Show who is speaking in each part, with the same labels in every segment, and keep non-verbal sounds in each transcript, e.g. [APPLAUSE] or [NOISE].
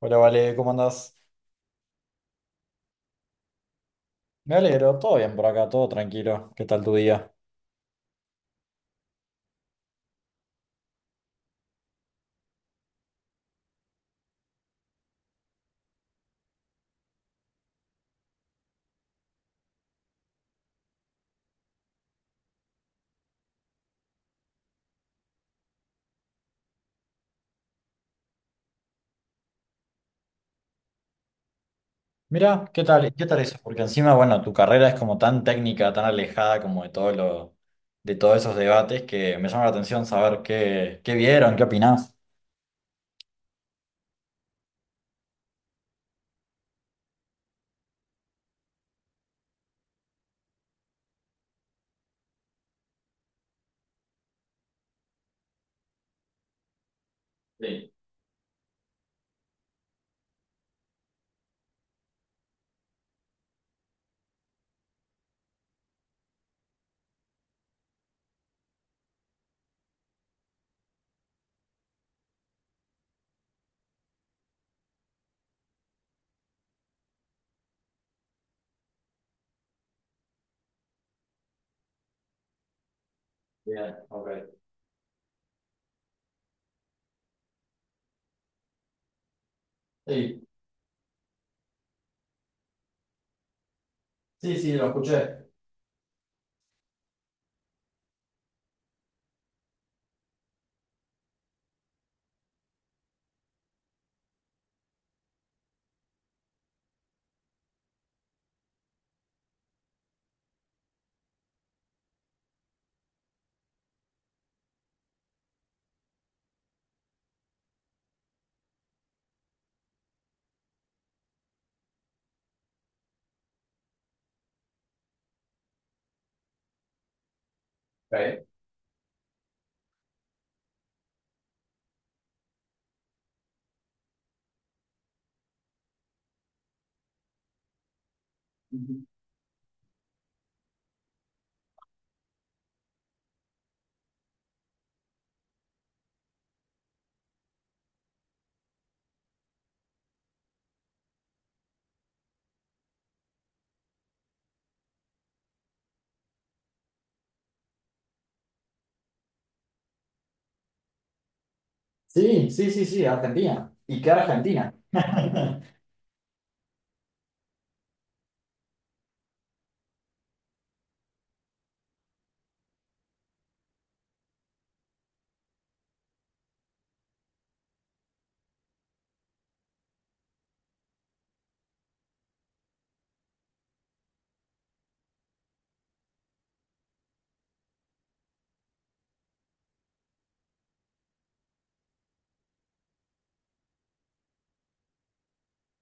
Speaker 1: Hola, Vale, ¿cómo andás? Me alegro, todo bien por acá, todo tranquilo. ¿Qué tal tu día? Mira, ¿qué tal? ¿Qué tal eso? Porque encima, bueno, tu carrera es como tan técnica, tan alejada como de todo lo, de todos esos debates que me llama la atención saber qué vieron, qué opinás. Sí, bien, ok. Sí, sí, sí, lo escuché. Ok. Sí, sí, sí, sí, Argentina. ¿Y qué Argentina? [LAUGHS]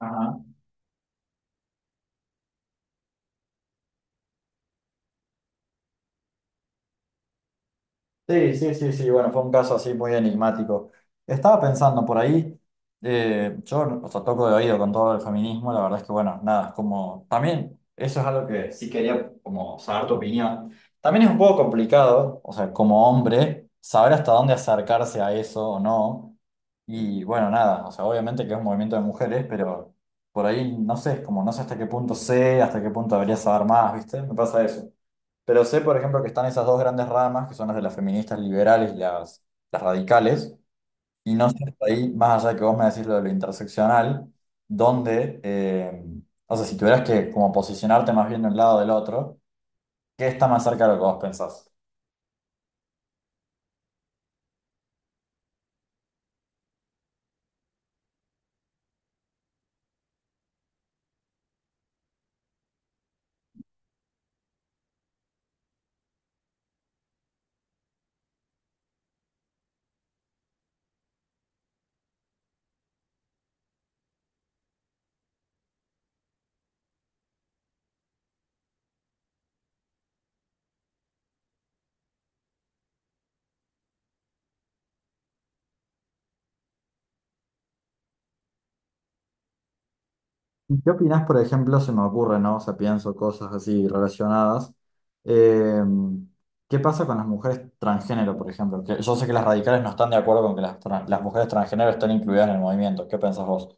Speaker 1: Ajá. Sí, sí, sí, sí, bueno, fue un caso así muy enigmático. Estaba pensando por ahí, yo, o sea, toco de oído con todo el feminismo, la verdad es que, bueno, nada, es como, también, eso es algo que sí quería como saber tu opinión. También es un poco complicado, o sea, como hombre, saber hasta dónde acercarse a eso o no. Y bueno, nada, o sea, obviamente que es un movimiento de mujeres, pero por ahí, no sé, es como, no sé hasta qué punto sé, hasta qué punto debería saber más, ¿viste? Me pasa eso. Pero sé, por ejemplo, que están esas dos grandes ramas, que son las de las feministas liberales y las radicales, y no sé hasta ahí, más allá de que vos me decís lo de lo interseccional, donde, o sea, si tuvieras que como posicionarte más bien de un lado o del otro, ¿qué está más cerca de lo que vos pensás? ¿Y ¿Qué opinás, por ejemplo, se me ocurre, ¿no? O sea, pienso cosas así relacionadas. Eh, ¿Qué pasa con las mujeres transgénero, por ejemplo? Que yo sé que las radicales no están de acuerdo con que las mujeres transgénero estén incluidas en el movimiento. ¿Qué pensás vos?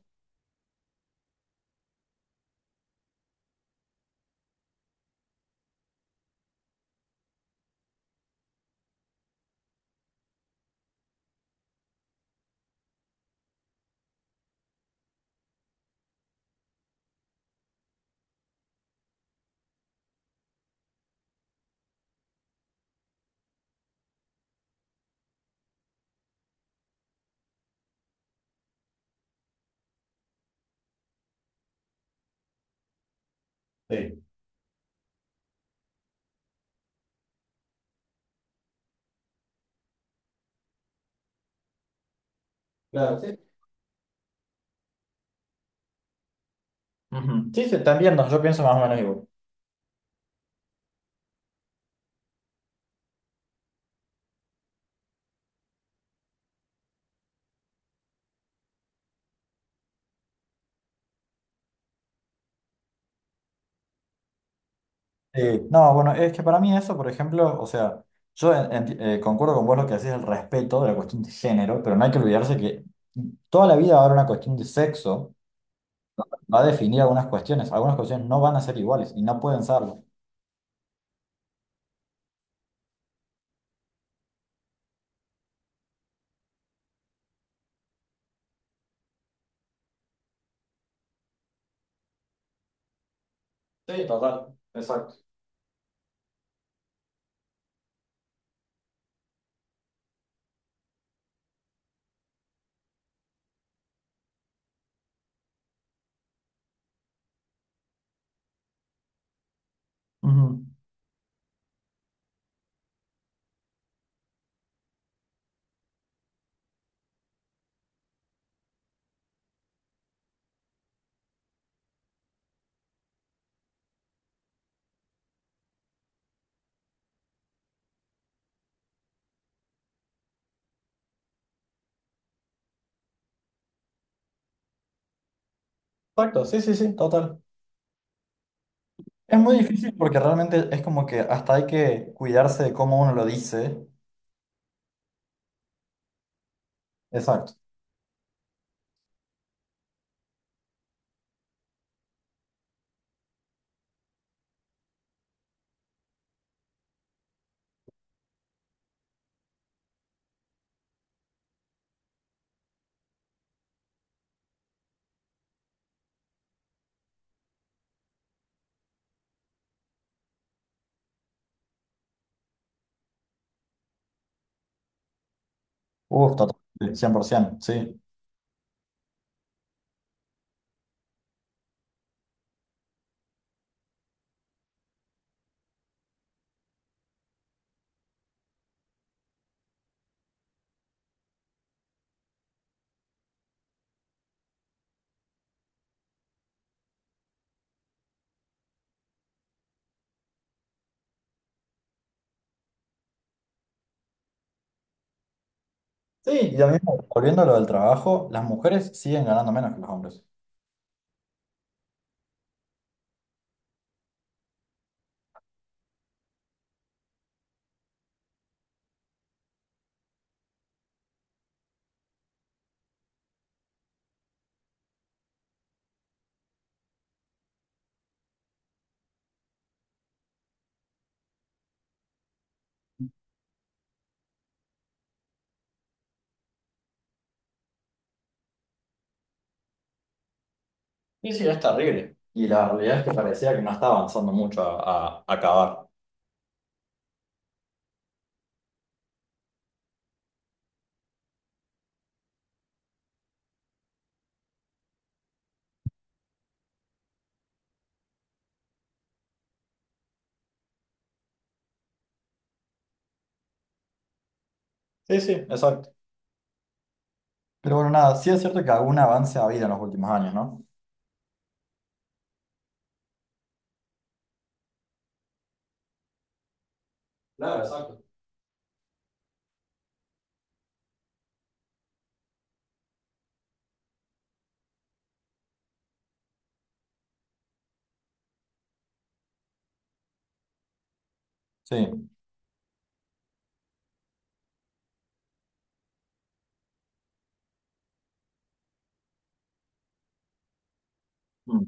Speaker 1: Sí, claro. Ujú. Sí, sí, te entiendo, yo pienso más o menos igual. Sí, no, bueno, es que para mí eso, por ejemplo, o sea, yo concuerdo con vos lo que decís el respeto de la cuestión de género, pero no hay que olvidarse que toda la vida va a haber una cuestión de sexo, va a definir algunas cuestiones no van a ser iguales y no pueden serlo. Sí, total, exacto. Ujú. Exacto, sí, sí, sí, total. Es muy difícil porque realmente es como que hasta hay que cuidarse de cómo uno lo dice. Exacto. Uf, total, 100%, sí. Sí, y lo volviendo a lo del trabajo, las mujeres siguen ganando menos que los hombres. Y sí, es terrible. Y la realidad es que parecía que no está avanzando mucho a acabar. Sí, sí, exacto. Pero bueno, nada, sí es cierto que algún avance ha habido en los últimos años, ¿no? Claro, exacto. Sí. Mm.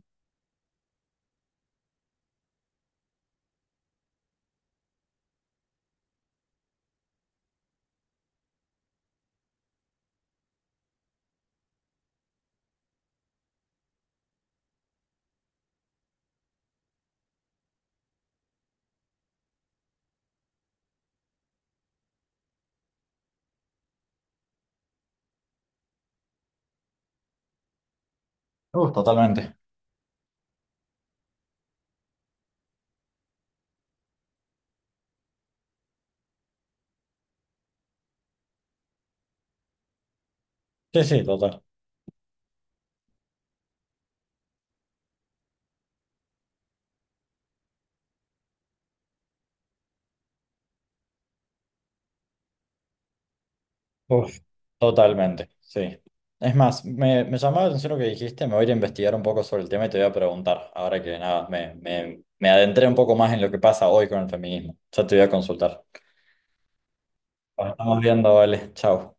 Speaker 1: Uf, totalmente. Sí, sí, total. Uf, totalmente, sí. Es más, me llamaba la atención lo que dijiste, me voy a ir a investigar un poco sobre el tema y te voy a preguntar, ahora que nada, me adentré un poco más en lo que pasa hoy con el feminismo. Ya te voy a consultar. Nos estamos viendo, vale. Chao.